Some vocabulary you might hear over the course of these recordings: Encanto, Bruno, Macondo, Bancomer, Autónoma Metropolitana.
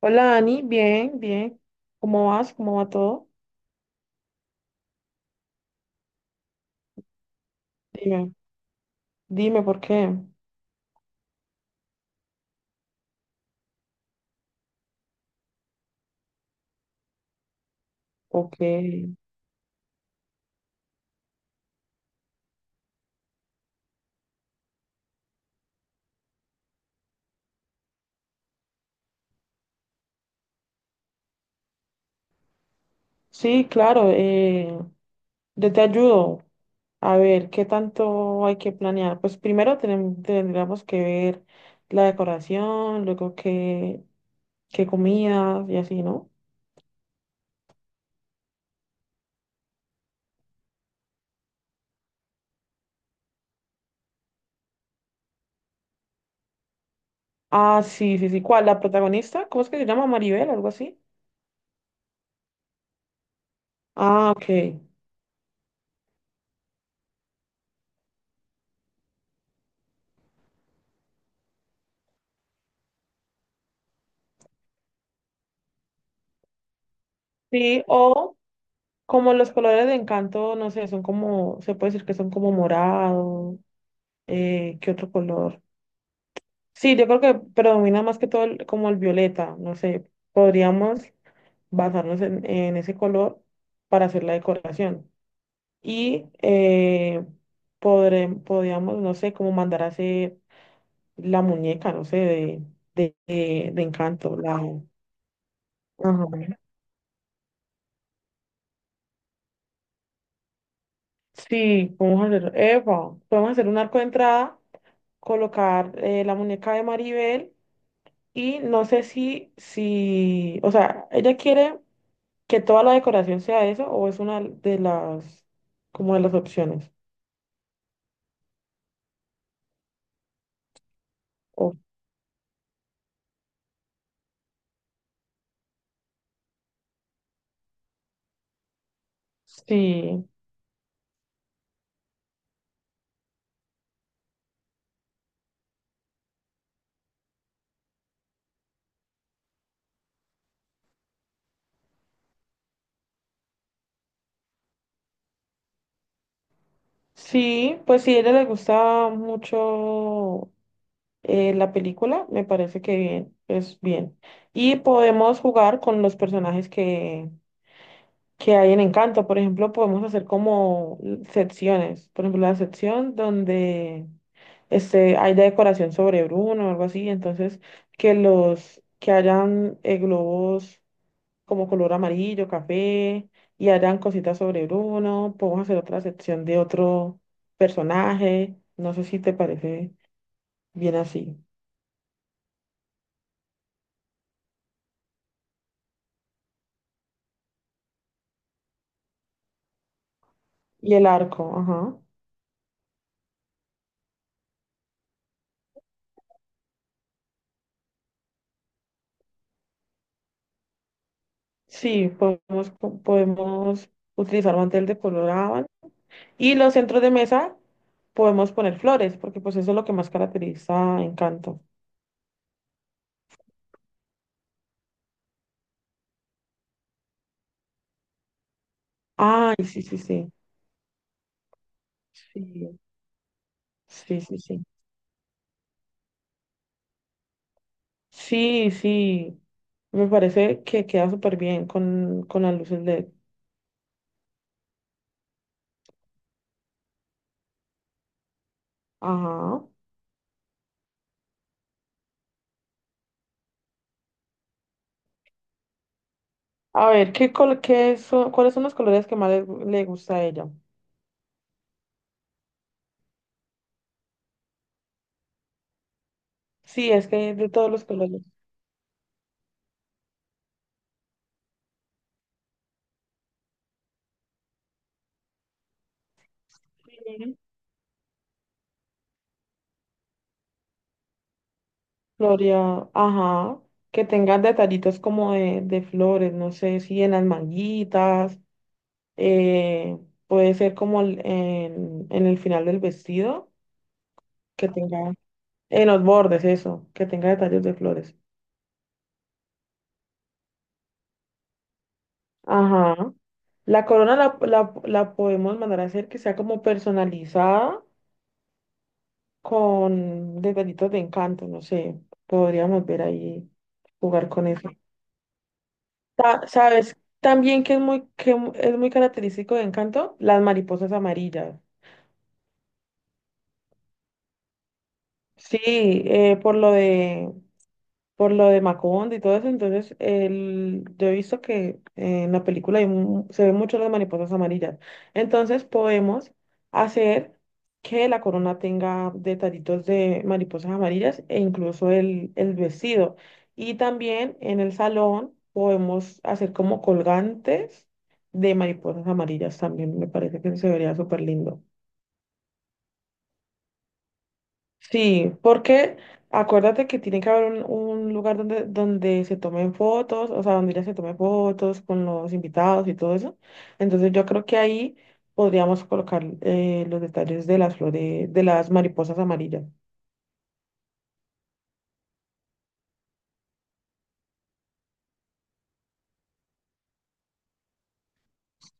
Hola Dani, bien, bien. ¿Cómo vas? ¿Cómo va todo? Dime, dime por qué. Ok. Sí, claro, yo te ayudo. A ver, ¿qué tanto hay que planear? Pues primero tendríamos que ver la decoración, luego qué comidas y así, ¿no? Ah, sí, sí, sí. ¿Cuál? ¿La protagonista? ¿Cómo es que se llama? Maribel, algo así. Ah, ok. Sí, o como los colores de Encanto, no sé, son como, se puede decir que son como morados. ¿Qué otro color? Sí, yo creo que predomina más que todo como el violeta, no sé, podríamos basarnos en ese color para hacer la decoración. Y podríamos, no sé, como mandar a hacer la muñeca, no sé, de Encanto. Ajá. Sí, podemos hacer un arco de entrada, colocar la muñeca de Maribel y no sé si, o sea, ella quiere que toda la decoración sea eso o es una como de las opciones. O sí, sí, pues si a ella le gusta mucho la película, me parece que bien, es bien. Y podemos jugar con los personajes que hay en Encanto. Por ejemplo, podemos hacer como secciones. Por ejemplo, la sección donde hay de decoración sobre Bruno o algo así, entonces que los que hayan globos como color amarillo, café, y harán cositas sobre Bruno. Podemos hacer otra sección de otro personaje. No sé si te parece bien así. Y el arco, ajá. Sí, podemos utilizar mantel de color ábano. Y los centros de mesa podemos poner flores, porque pues eso es lo que más caracteriza a Encanto. Ay, sí, sí, sí. Sí, sí, sí, sí. Sí, sí. Me parece que queda súper bien con las luces LED. Ajá. A ver, ¿qué son, cuáles son los colores que más le gusta a ella? Sí, es que de todos los colores. Sí. Gloria, ajá. Que tengan detallitos como de flores, no sé, si en las manguitas, eh, puede ser como en el final del vestido, que tenga, en los bordes, eso, que tenga detalles de flores. Ajá. La corona la podemos mandar a hacer que sea como personalizada con detallitos de encanto, no sé, podríamos ver ahí, jugar con eso. ¿Sabes? También que es muy, es muy característico de Encanto, las mariposas amarillas. Sí, eh, por lo de por lo de Macondo y todo eso. Entonces, yo he visto que en la película se ven mucho las mariposas amarillas. Entonces, podemos hacer que la corona tenga detallitos de mariposas amarillas e incluso el vestido. Y también en el salón podemos hacer como colgantes de mariposas amarillas también. Me parece que se vería súper lindo. Sí, porque acuérdate que tiene que haber un lugar donde se tomen fotos, o sea, donde ya se tomen fotos con los invitados y todo eso. Entonces yo creo que ahí podríamos colocar los detalles de las flores, de las mariposas amarillas.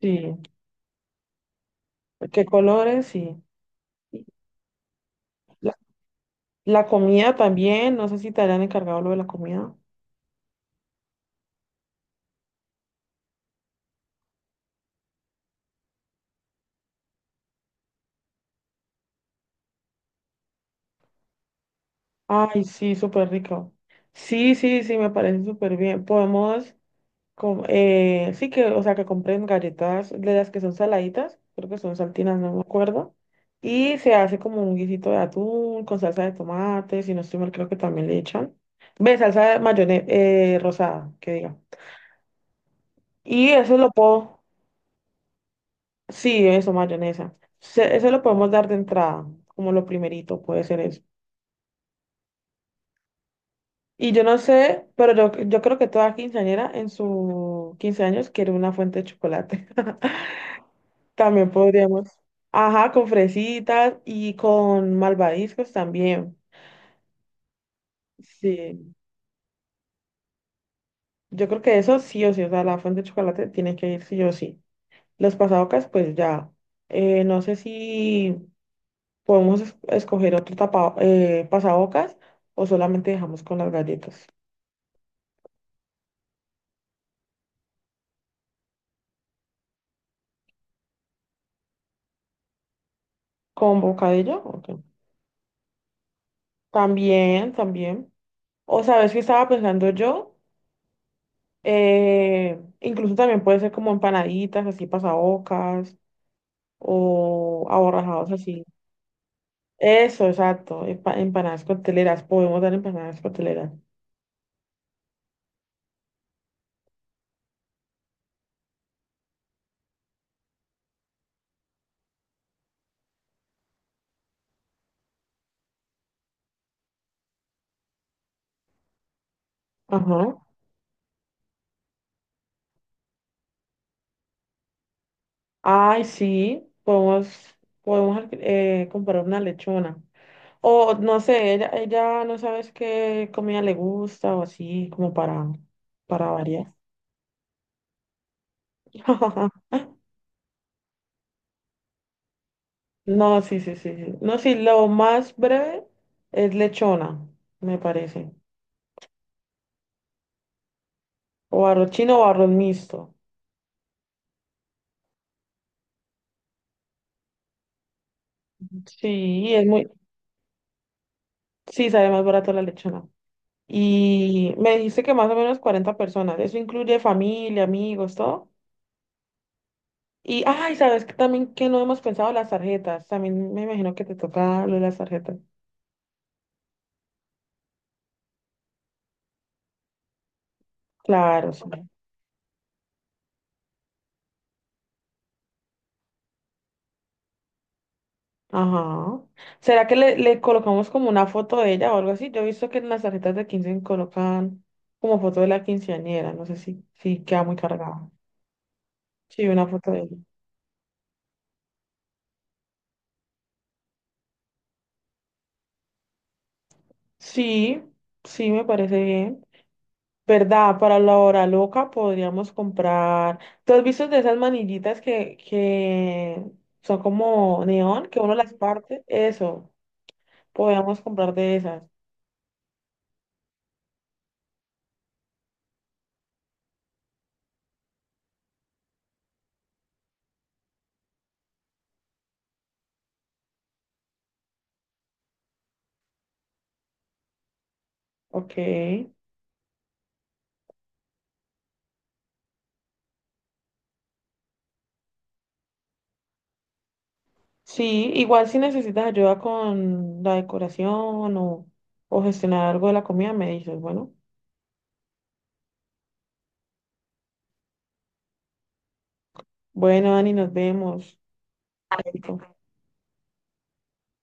Sí, qué colores, sí. Y La, la comida también, no sé si te hayan encargado lo de la comida. Ay, sí, súper rico. Sí, sí, sí, me parece súper bien. Sí que, o sea, que compren galletas de las que son saladitas, creo que son saltinas, no me acuerdo. Y se hace como un guisito de atún con salsa de tomate, si no estoy mal, creo que también le echan. Ve, salsa de mayonesa rosada, que diga. Y eso lo puedo, sí, eso, mayonesa. Eso lo podemos dar de entrada, como lo primerito, puede ser eso. Y yo no sé, pero yo creo que toda quinceañera en sus 15 años quiere una fuente de chocolate. También podríamos. Ajá, con fresitas y con malvadiscos también. Sí, yo creo que eso sí o sí, o sea, la fuente de chocolate tiene que ir sí o sí. Los pasabocas, pues ya. No sé si podemos escoger otro tapa, pasabocas o solamente dejamos con las galletas. ¿Con bocadillo? Ok. También, también. O sabes que estaba pensando yo. Incluso también puede ser como empanaditas, así pasabocas. O aborrajados así. Eso, exacto. Empanadas cocteleras. Podemos dar empanadas cocteleras. Ajá. Ay, sí. Podemos comprar una lechona. O no sé, ella no sabes qué comida le gusta o así, como para variar. No, sí, sí, sí, sí. No, sí, lo más breve es lechona, me parece. O arroz chino o arroz mixto. Sí, sí, sale más barato la lechona. Y me dijiste que más o menos 40 personas. Eso incluye familia, amigos, todo. Y, ay, sabes que también que no hemos pensado las tarjetas. También me imagino que te toca lo de las tarjetas. Claro, sí. Ajá. ¿Será que le colocamos como una foto de ella o algo así? Yo he visto que en las tarjetas de 15 colocan como foto de la quinceañera. No sé si queda muy cargada. Sí, una foto de ella. Sí, sí, me parece bien. ¿Verdad? Para la hora loca podríamos comprar. ¿Tú has visto de esas manillitas que son como neón, que uno las parte? Eso, podríamos comprar de esas. Ok. Sí, igual si necesitas ayuda con la decoración o gestionar algo de la comida, me dices, bueno. Bueno, Dani, nos vemos. Vale.